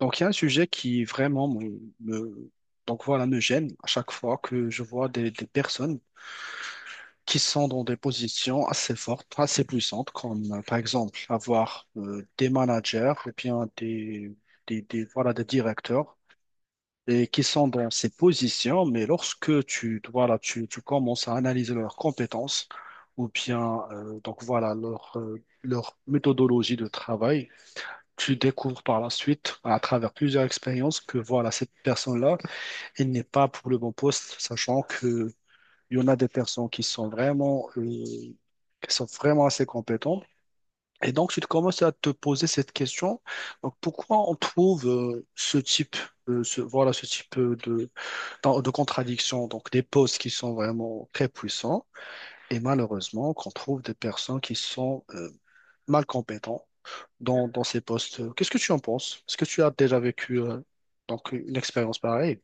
Donc, il y a un sujet qui vraiment me gêne à chaque fois que je vois des personnes qui sont dans des positions assez fortes, assez puissantes, comme par exemple avoir des managers ou bien des directeurs et qui sont dans ces positions, mais lorsque tu commences à analyser leurs compétences ou bien leur méthodologie de travail, tu découvres par la suite, à travers plusieurs expériences, que voilà, cette personne-là, elle n'est pas pour le bon poste, sachant que il y en a des personnes qui sont vraiment, qui sont vraiment assez compétentes. Et donc, tu te commences à te poser cette question. Donc, pourquoi on trouve ce type, ce type de contradiction, donc des postes qui sont vraiment très puissants, et malheureusement qu'on trouve des personnes qui sont mal compétentes dans ces postes. Qu'est-ce que tu en penses? Est-ce que tu as déjà vécu donc une expérience pareille?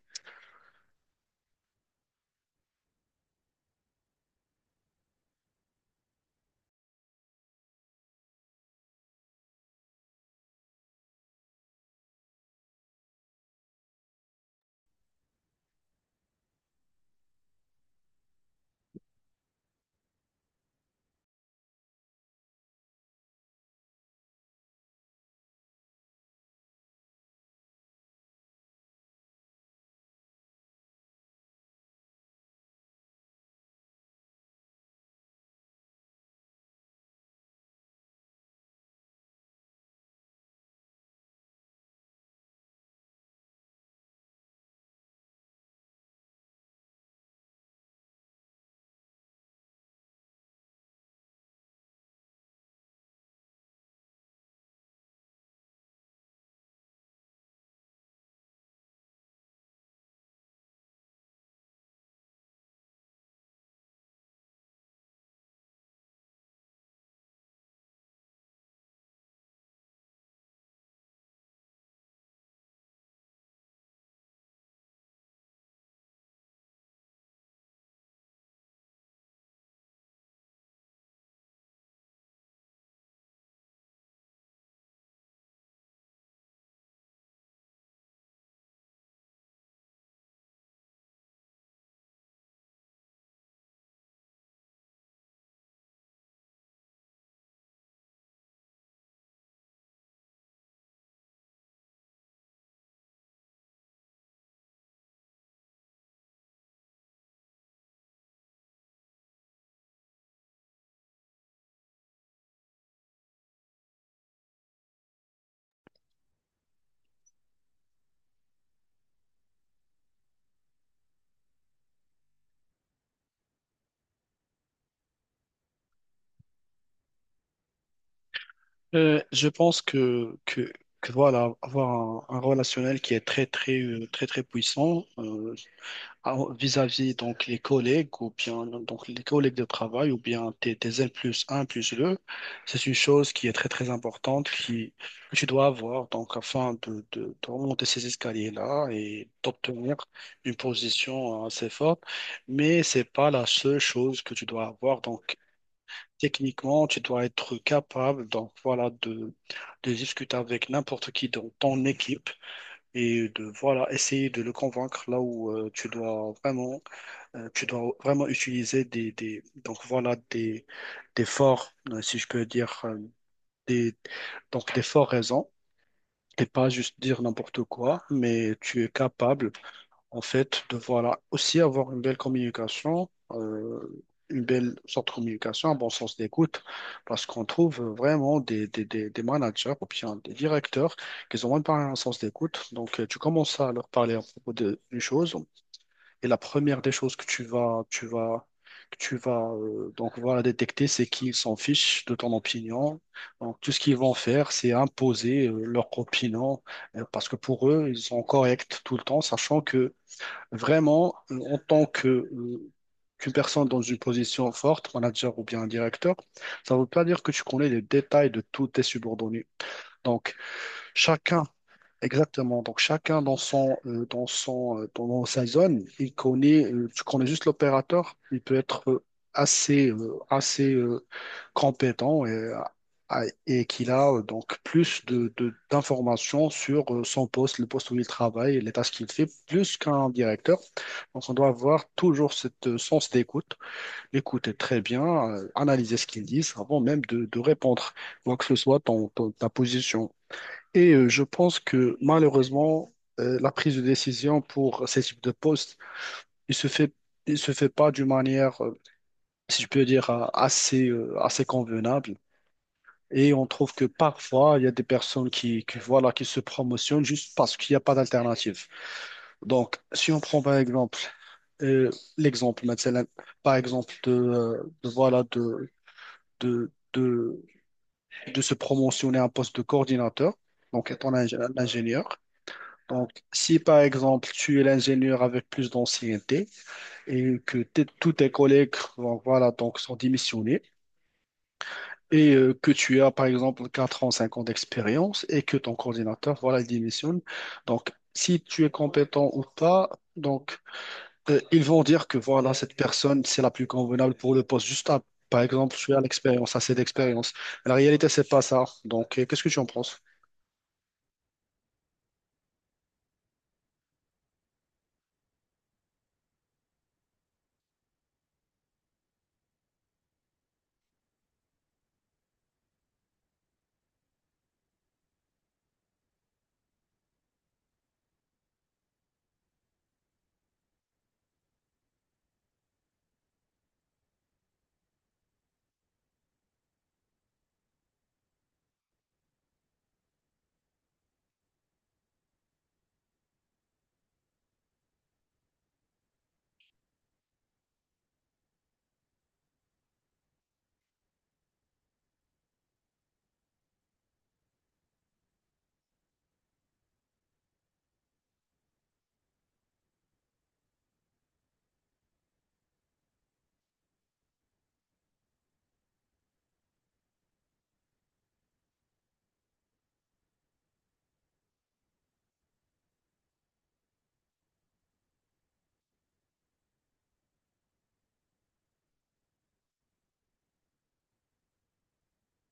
Je pense que voilà, avoir un relationnel qui est très très puissant, alors, vis-à-vis donc les collègues ou bien donc les collègues de travail ou bien tes N+1, N+2, c'est une chose qui est très très importante que tu dois avoir donc afin de remonter ces escaliers-là et d'obtenir une position assez forte. Mais c'est pas la seule chose que tu dois avoir. Donc techniquement, tu dois être capable donc voilà de discuter avec n'importe qui dans ton équipe et de voilà essayer de le convaincre là où tu dois vraiment utiliser des donc voilà des forts, si je peux dire, des, donc des forts raisons. Et pas juste dire n'importe quoi, mais tu es capable, en fait, de voilà aussi avoir une belle communication, une belle sorte de communication, un bon sens d'écoute, parce qu'on trouve vraiment des managers ou bien des directeurs qui ont même pas un sens d'écoute. Donc, tu commences à leur parler à propos d'une chose, et la première des choses que tu vas, que tu vas donc voilà détecter, c'est qu'ils s'en fichent de ton opinion. Donc tout ce qu'ils vont faire, c'est imposer leur opinion, parce que pour eux, ils sont corrects tout le temps, sachant que vraiment en tant que qu'une personne dans une position forte, manager ou bien un directeur, ça ne veut pas dire que tu connais les détails de tous tes subordonnés. Donc, chacun. Exactement. Donc chacun dans son dans son dans sa zone, il connaît tu connais juste l'opérateur, il peut être assez compétent et qu'il a donc plus d'informations sur son poste, le poste où il travaille, et les tâches qu'il fait, plus qu'un directeur. Donc on doit avoir toujours cette sens d'écoute, écouter très bien, analyser ce qu'ils disent avant même de répondre, quoi que ce soit ta position. Et je pense que malheureusement, la prise de décision pour ces types de postes, il se fait, il se fait pas d'une manière, si je peux dire, assez convenable. Et on trouve que parfois, il y a des personnes qui voilà, qui se promotionnent juste parce qu'il n'y a pas d'alternative. Donc, si on prend par exemple euh, l'exemple, maintenant, par exemple, de, voilà, de, de, de se promotionner à un poste de coordinateur, donc étant un un ingénieur. Donc, si par exemple tu es l'ingénieur avec plus d'ancienneté et que tous tes collègues donc, voilà, donc, sont démissionnés et que tu as par exemple 4 ans, 5 ans d'expérience et que ton coordinateur voilà, il démissionne, donc si tu es compétent ou pas, donc ils vont dire que voilà, cette personne c'est la plus convenable pour le poste. Par exemple, tu as l'expérience, assez d'expérience. La réalité, c'est pas ça. Donc, qu'est-ce que tu en penses?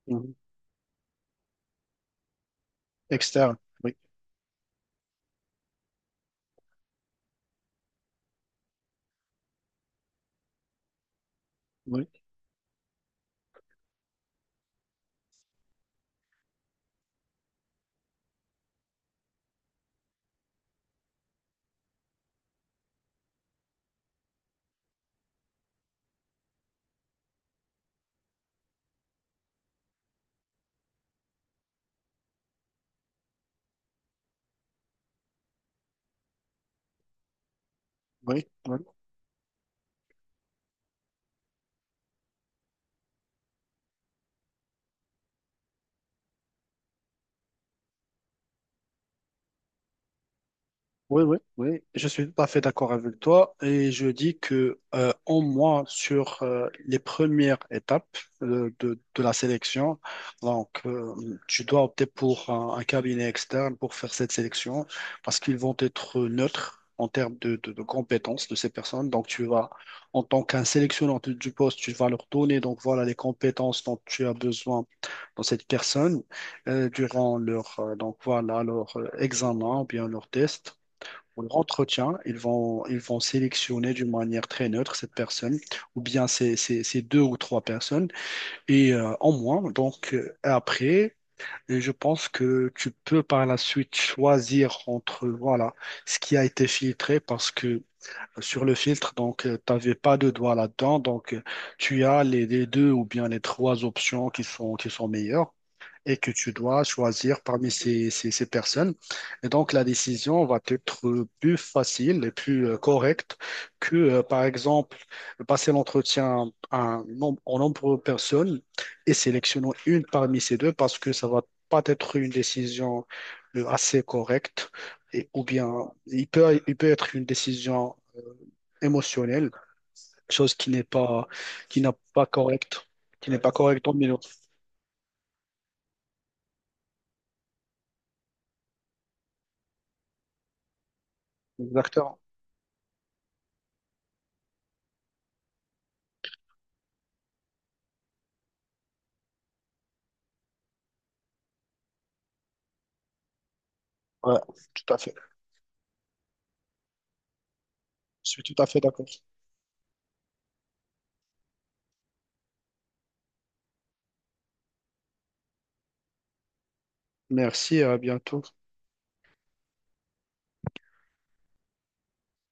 Mhm. Externe. Oui, oui, oui, oui. Oui, oui, oui, je suis tout à fait d'accord avec toi et je dis que au moins sur les premières étapes de la sélection, donc euh, tu dois opter pour un cabinet externe pour faire cette sélection parce qu'ils vont être neutres en termes de compétences de ces personnes. Donc tu vas, en tant qu'un sélectionneur du poste, tu vas leur donner donc voilà les compétences dont tu as besoin dans cette personne durant leur donc voilà leur examen ou bien leur test pour leur entretien, ils vont sélectionner d'une manière très neutre cette personne, ou bien ces deux ou trois personnes, et en moins. Donc, et je pense que tu peux par la suite choisir entre, voilà, ce qui a été filtré, parce que sur le filtre, donc, tu n'avais pas de doigt là-dedans, donc, tu as les deux ou bien les trois options qui sont meilleures et que tu dois choisir parmi ces personnes. Et donc, la décision va être plus facile et plus correcte que, par exemple, passer l'entretien à un nombre, en nombre de personnes et sélectionner une parmi ces deux parce que ça va pas être une décision assez correcte et, ou bien il peut être une décision émotionnelle, chose qui n'a pas correcte, qui n'est pas correcte dans le milieu. Exactement. Je suis tout à fait d'accord. Merci et à bientôt.